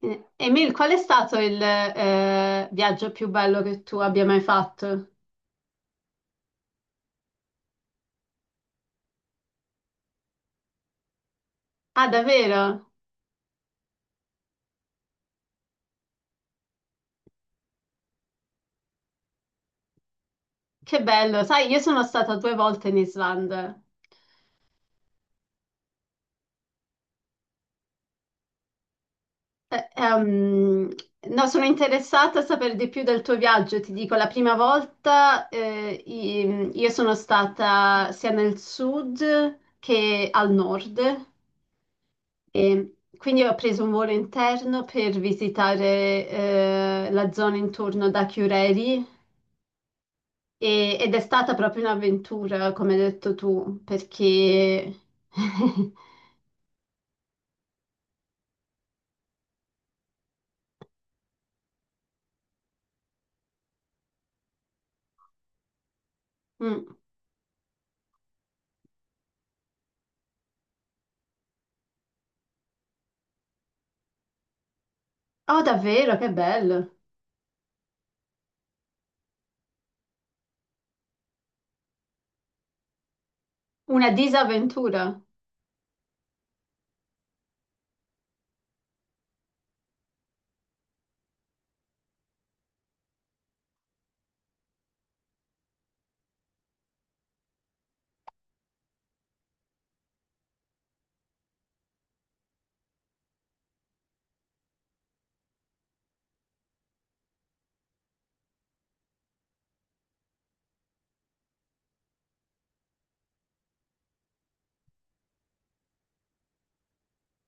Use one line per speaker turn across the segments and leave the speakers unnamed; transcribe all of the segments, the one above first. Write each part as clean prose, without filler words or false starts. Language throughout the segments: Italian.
Emil, qual è stato il viaggio più bello che tu abbia mai fatto? Ah, davvero? Che bello! Sai, io sono stata due volte in Islanda. Eh, ehm, no, sono interessata a sapere di più del tuo viaggio. Ti dico, la prima volta io sono stata sia nel sud che al nord e quindi ho preso un volo interno per visitare la zona intorno da Chiureri. Ed è stata proprio un'avventura, come hai detto tu, perché... Mm. Oh, davvero, che bello! Una disavventura.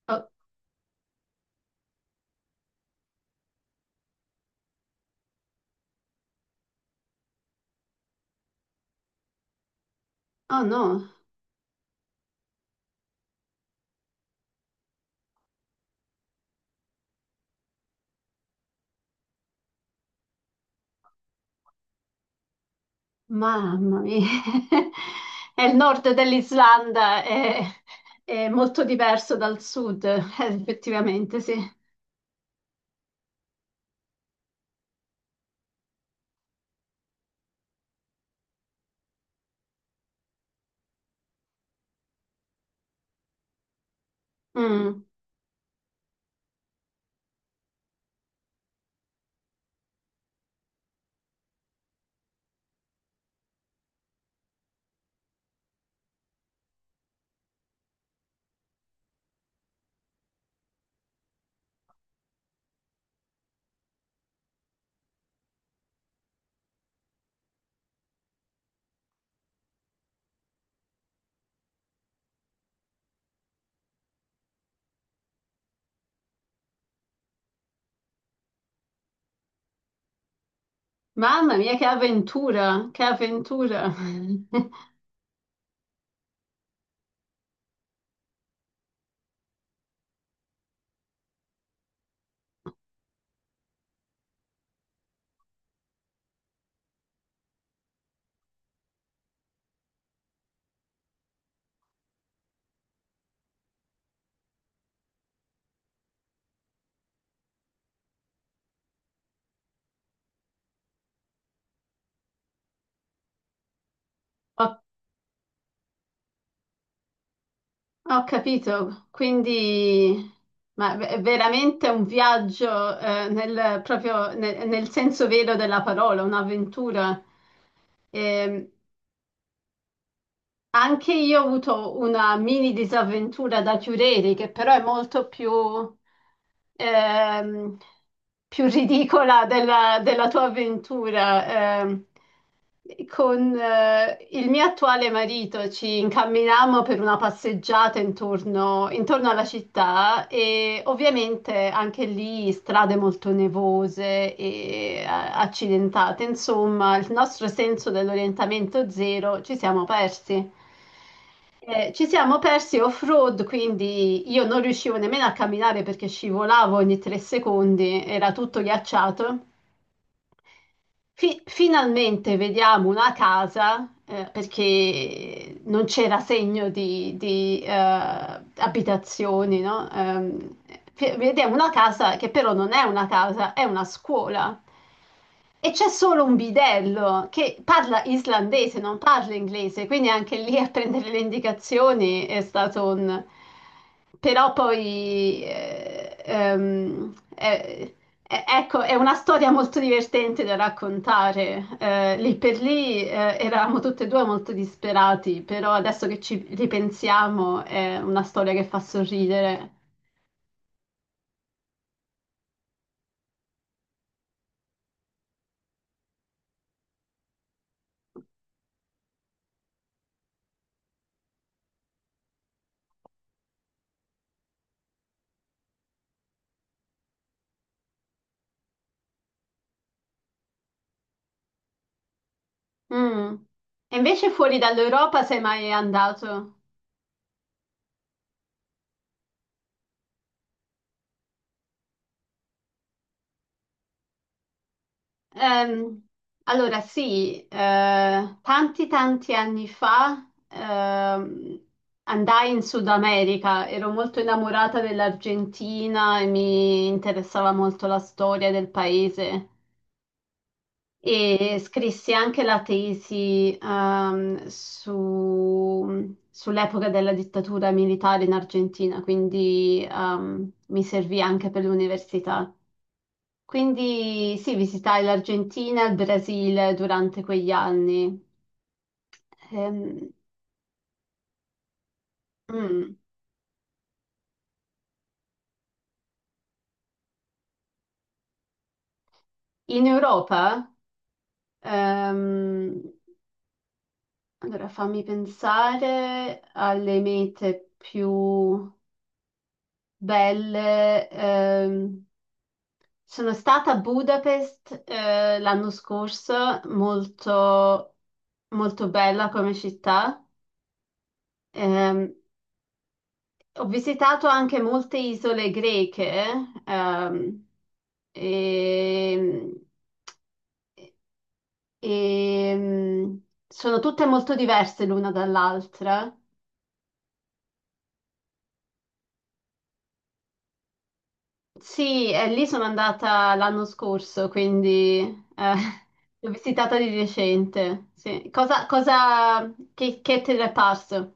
Oh, oh no, mamma mia! È il nord dell'Islanda, è molto diverso dal sud, effettivamente, sì. Mm. Mamma mia, che avventura, che avventura! Ho Ho capito, quindi ma è veramente un viaggio nel senso vero della parola, un'avventura. Ehm, Anche io ho avuto una mini disavventura da Chiureri, che però è molto più, ehm, più ridicola della tua avventura. Con il mio attuale marito ci incamminammo per una passeggiata intorno, intorno alla città e ovviamente anche lì strade molto nevose e accidentate. Insomma, il nostro senso dell'orientamento zero ci siamo persi. Ci siamo persi off-road, quindi io non riuscivo nemmeno a camminare perché scivolavo ogni 3 secondi, era tutto ghiacciato. Finalmente vediamo una casa, perché non c'era segno di abitazioni, no? Vediamo una casa che però non è una casa, è una scuola. E c'è solo un bidello che parla islandese, non parla inglese, quindi anche lì a prendere le indicazioni è stato un... Però poi, ecco, è una storia molto divertente da raccontare. Lì per lì, eravamo tutte e due molto disperati, però adesso che ci ripensiamo è una storia che fa sorridere. Mm. E invece fuori dall'Europa sei mai andato? Ehm, allora, sì, tanti tanti anni fa andai in Sud America, ero molto innamorata dell'Argentina e mi interessava molto la storia del paese e scrissi anche la tesi sull'epoca della dittatura militare in Argentina, quindi mi servì anche per l'università. Quindi sì, visitai l'Argentina e il Brasile durante quegli anni. Ehm, mm. In Europa, ehm, allora fammi pensare alle mete più belle. Sono stata a Budapest, l'anno scorso, molto, molto bella come città. Ehm, Ho visitato anche molte isole greche, ehm, e, e- sono tutte molto diverse l'una dall'altra. Sì, e lì sono andata l'anno scorso, quindi eh, l'ho visitata di recente. Sì. Cosa, che te ne è parso?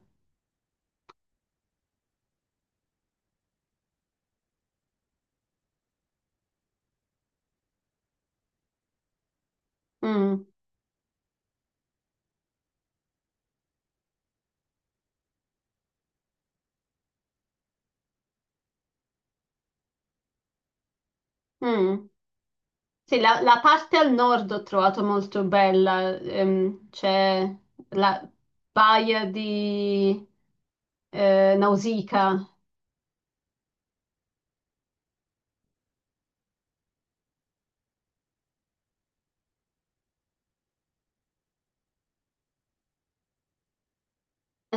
Mm, mm. Sì, la parte al nord ho trovato molto bella, c'è la baia di Nausicaa.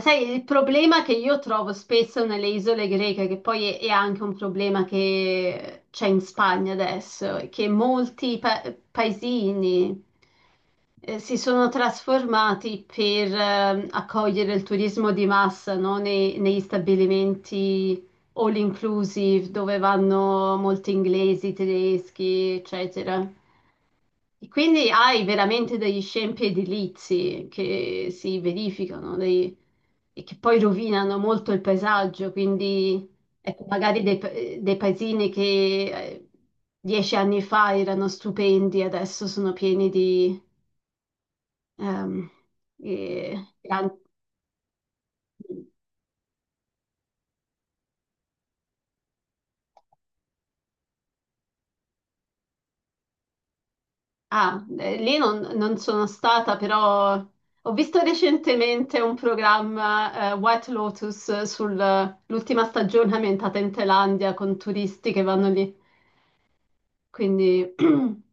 Sai, il problema che io trovo spesso nelle isole greche, che poi è anche un problema che c'è in Spagna adesso, è che molti paesini, si sono trasformati per accogliere il turismo di massa, no? Negli stabilimenti all inclusive dove vanno molti inglesi, tedeschi, eccetera. E quindi hai veramente degli scempi edilizi che si verificano e che poi rovinano molto il paesaggio, quindi ecco, magari dei paesini che 10 anni fa erano stupendi, adesso sono pieni di... Ehm, e- e an- ah, lì non sono stata, però ho visto recentemente un programma, White Lotus sull'ultima stagione ambientata in Thailandia con turisti che vanno lì. Quindi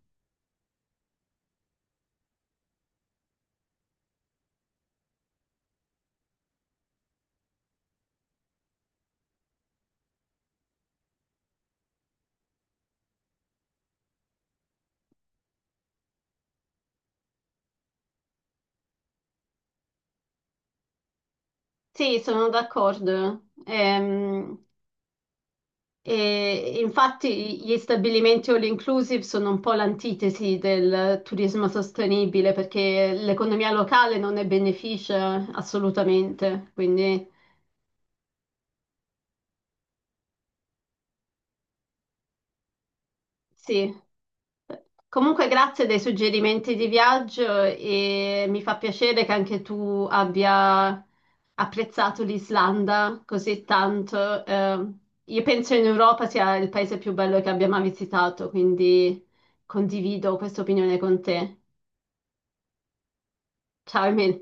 sì, sono d'accordo. E infatti gli stabilimenti all inclusive sono un po' l'antitesi del turismo sostenibile perché l'economia locale non ne beneficia assolutamente. Quindi sì. Comunque grazie dei suggerimenti di viaggio e mi fa piacere che anche tu abbia apprezzato l'Islanda così tanto. Io penso in Europa sia il paese più bello che abbia mai visitato, quindi condivido questa opinione con te. Ciao Emil.